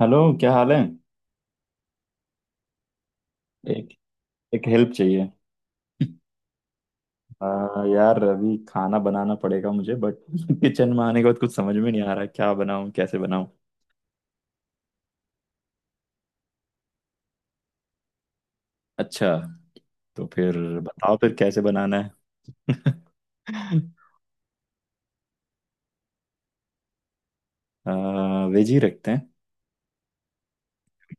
Hello, क्या हाल है? एक एक हेल्प चाहिए। आ, यार, अभी खाना बनाना पड़ेगा मुझे, बट किचन में आने के बाद कुछ समझ में नहीं आ रहा है, क्या बनाऊं, कैसे बनाऊं? अच्छा। तो फिर बताओ फिर कैसे बनाना है? वेज ही रखते हैं,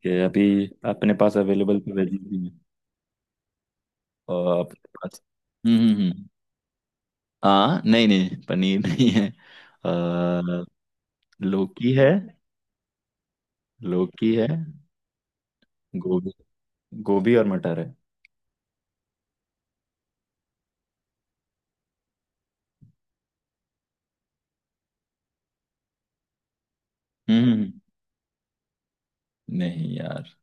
कि अभी अपने पास अवेलेबल तो वेज ही है। और अपने पास। हम्म हम्म हम्म। हाँ, नहीं नहीं, पनीर नहीं है। आ, लौकी है। लौकी है। गोभी गोभी और मटर है। हम्म हम्म, हम्म। नहीं यार,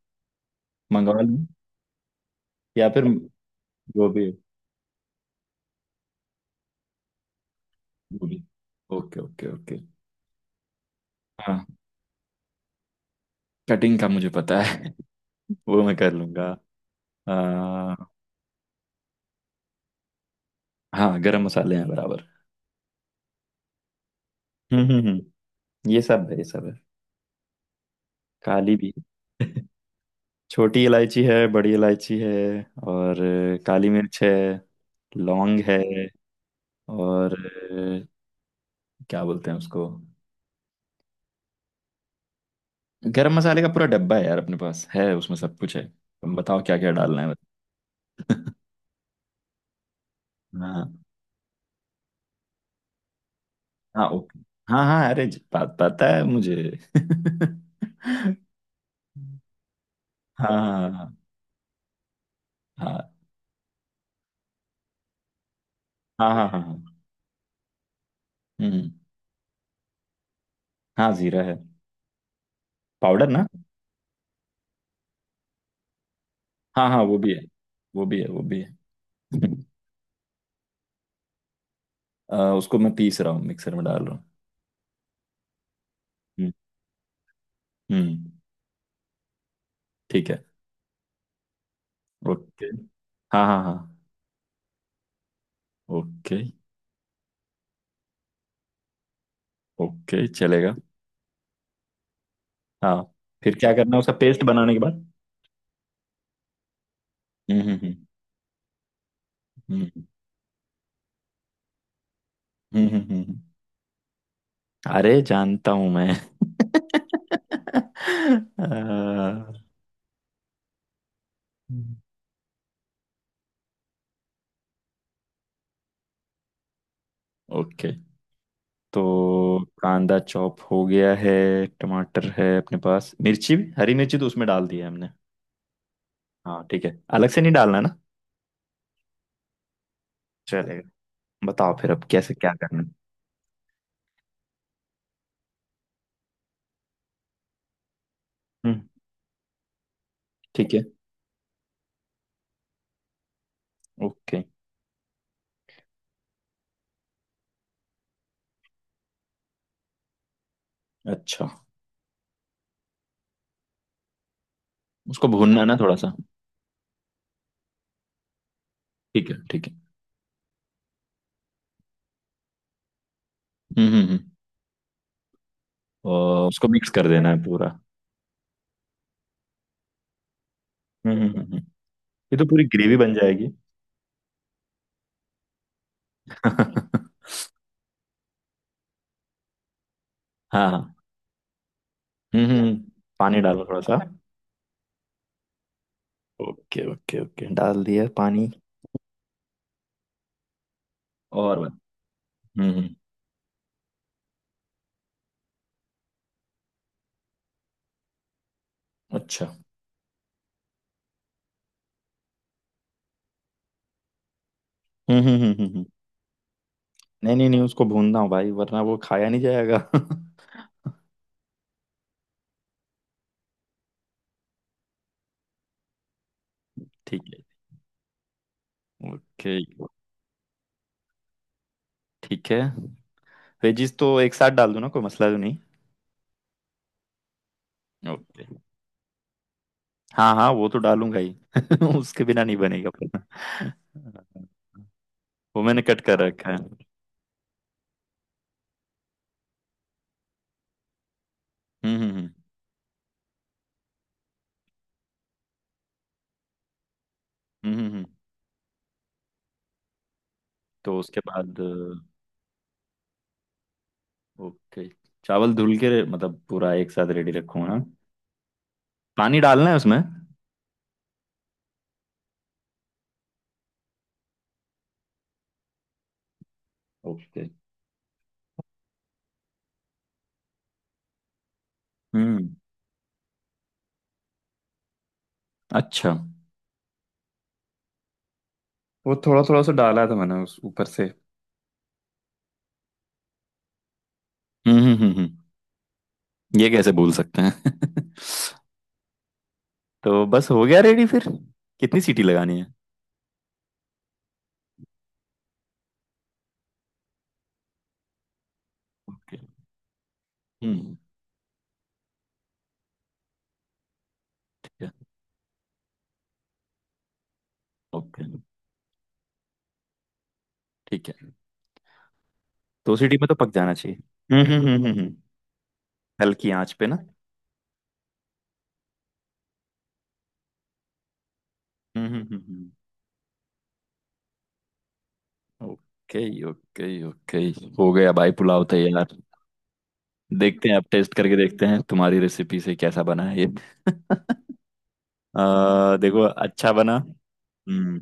मंगवा लें, या फिर गोभी। गोभी। Okay okay okay. हाँ, कटिंग का मुझे पता है वो मैं कर लूंगा। आ, हाँ, गरम मसाले हैं बराबर। हम्म हम्म हम्म, ये सब है, ये सब है। काली भी है छोटी इलायची है, बड़ी इलायची है, और काली मिर्च है। लौंग है। और क्या बोलते हैं उसको? गरम मसाले का पूरा डब्बा है यार, अपने पास है, उसमें सब कुछ है, तुम बताओ क्या क्या डालना है? हाँ हाँ, ओके। हाँ हाँ, अरे बात पता है मुझे हाँ हाँ हाँ हाँ हाँ हाँ हाँ, हम्म। हाँ, जीरा है। पाउडर ना? हाँ हाँ, वो भी है, वो भी है, वो भी है उसको मैं पीस रहा हूँ, मिक्सर में डाल रहा हूँ। हम्म हम्म, ठीक है। ओके। हाँ हाँ हाँ। ओके ओके, चलेगा। हाँ। फिर क्या करना है उसका पेस्ट बनाने के बाद? हम्म हम्म हम्म हम्म हम्म। अरे जानता हूँ मैं आ, ओके। तो कांदा चॉप हो गया है। टमाटर है अपने पास, मिर्ची भी, हरी मिर्ची तो उसमें डाल दी है हमने। हाँ, ठीक है, अलग से नहीं डालना ना। चलेगा। बताओ फिर अब कैसे क्या करना है? हम्म, ठीक है, ओके। अच्छा। उसको भूनना है ना थोड़ा सा। ठीक है, ठीक है। हम्म। और उसको मिक्स कर देना है पूरा। हम्म हम्म हम्म हम्म। ये तो पूरी ग्रेवी बन जाएगी। हाँ हाँ। हम्म हम्म हम्म। पानी डालो थोड़ा सा। ओके ओके ओके, डाल दिया पानी। और बस। हम्म हम्म। अच्छा। हम्म हम्म हम्म हम्म, हम्म। नहीं नहीं नहीं, उसको भूनना हो भाई, वरना वो खाया नहीं जाएगा ठीक है। ओके। ठीक है। वेजीज तो एक साथ डाल दूं ना, कोई मसला तो नहीं? ओके। हाँ हाँ, वो तो डालूंगा ही उसके बिना नहीं बनेगा अपना। वो मैंने कट कर रखा है। हम्म हम्म हम्म हम्म, हम्म, हम्म। तो उसके बाद ओके। चावल धुल के मतलब पूरा एक साथ रेडी रखूँ ना? पानी डालना है उसमें। ओके। हम्म। अच्छा। हम्म। वो थोड़ा थोड़ा सा डाला था मैंने उस ऊपर से। हम्म। ये कैसे भूल सकते हैं तो बस हो गया रेडी फिर। कितनी सीटी लगानी है? ओके, हम्म। ठीक है, ओके। ठीक है। दो सीटी में तो पक जाना चाहिए। हम्म हम्म हम्म हम्म, हम्म। हल्की आंच पे ना? हम्म हम्म हम्म हम्म। Okay okay okay. हो गया भाई, पुलाव तैयार। देखते हैं अब, टेस्ट करके देखते हैं तुम्हारी रेसिपी से कैसा बना है ये। देखो, अच्छा बना। हम्म।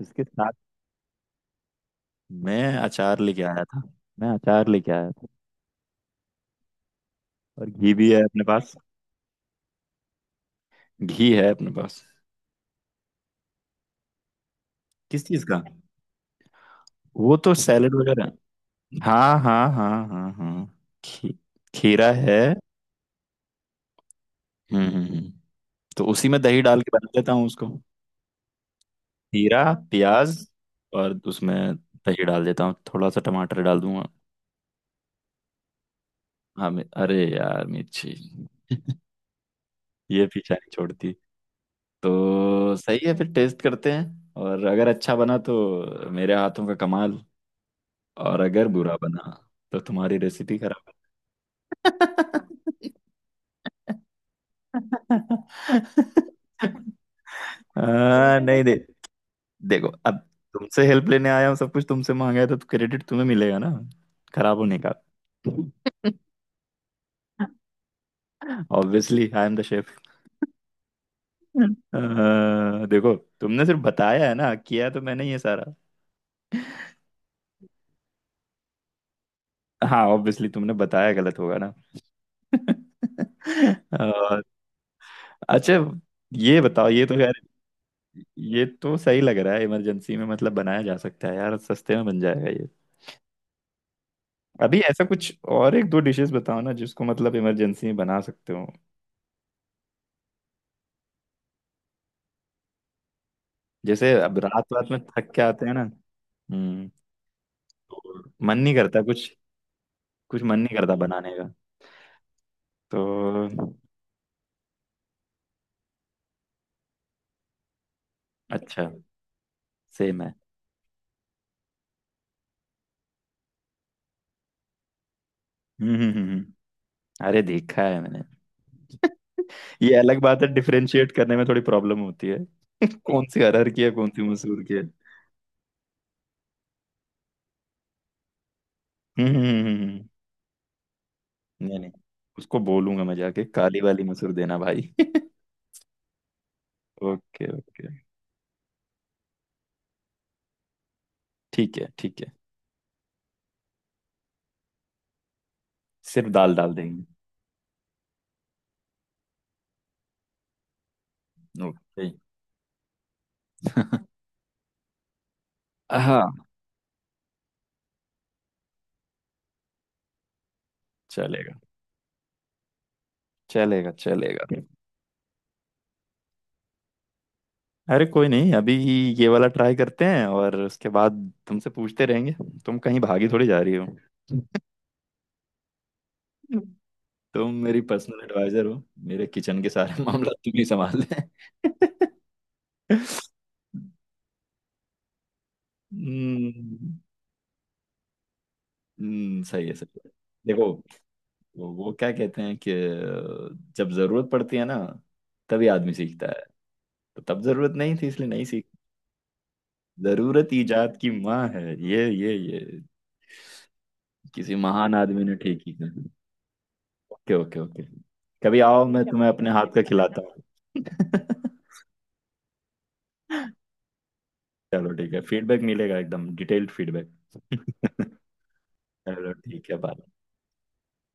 इसके साथ मैं अचार लेके आया था, मैं अचार लेके आया था, और घी भी है अपने पास। घी है अपने पास। किस चीज का? वो तो सैलेड वगैरह। हाँ हाँ हाँ हाँ हाँ। खी, खीरा है। हम्म हम्म, हम्म। तो उसी में दही डाल के बना लेता हूँ उसको। खीरा। प्याज। और उसमें दही डाल देता हूँ, थोड़ा सा टमाटर डाल दूंगा। हाँ, अरे यार, मिर्ची। ये पीछा नहीं छोड़ती। तो सही है, फिर टेस्ट करते हैं, और अगर अच्छा बना तो मेरे हाथों का कमाल। और अगर बुरा बना तो तुम्हारी रेसिपी खराब। हाँ, नहीं, दे देखो अब। तुमसे हेल्प लेने आया हूँ, सब कुछ तुमसे मांगा है, तो क्रेडिट तुम्हें मिलेगा ना, खराब होने का। Obviously I am the chef देखो, तुमने सिर्फ बताया है ना, किया तो मैंने ही है सारा। हाँ, ऑब्वियसली, तुमने बताया गलत होगा ना। अ, अच्छा। ये बताओ, ये तो यार, ये तो सही लग रहा है। इमरजेंसी में मतलब बनाया जा सकता है यार, सस्ते में बन जाएगा। अभी ऐसा कुछ और एक दो डिशेस बताओ ना, जिसको मतलब इमरजेंसी में बना सकते हो। जैसे अब रात रात में थक के आते हैं ना। हम्म। मन नहीं करता कुछ, कुछ मन नहीं करता बनाने का। तो अच्छा। सेम है। हम्म हम्म हम्म हम्म। अरे देखा है मैंने। ये अलग बात है, डिफरेंशिएट करने में थोड़ी प्रॉब्लम होती है, कौन सी अरहर की है, कौन सी मसूर की है। हम्म। नहीं नहीं, उसको बोलूंगा मैं जाके, काली वाली मसूर देना भाई ओके ओके। ठीक है, ठीक है। सिर्फ दाल डाल देंगे। ओके। हाँ, चलेगा चलेगा चलेगा। अरे कोई नहीं, अभी ये वाला ट्राई करते हैं, और उसके बाद तुमसे पूछते रहेंगे। तुम कहीं भागी थोड़ी जा रही हो? तुम मेरी पर्सनल एडवाइजर हो। मेरे किचन के सारे मामला तुम ही संभाल ले। हम्म सही है, सही है। देखो, वो क्या कहते हैं कि जब जरूरत पड़ती है ना, तभी आदमी सीखता है। तो तब जरूरत नहीं थी इसलिए नहीं सीख। जरूरत इजाद की माँ है। ये ये। किसी महान आदमी ने ठीक ही कहा। Okay okay okay. कभी आओ, मैं तुम्हें अपने हाथ का खिलाता हूँ चलो ठीक है, फीडबैक मिलेगा, एकदम डिटेल्ड फीडबैक। चलो ठीक है, बाय।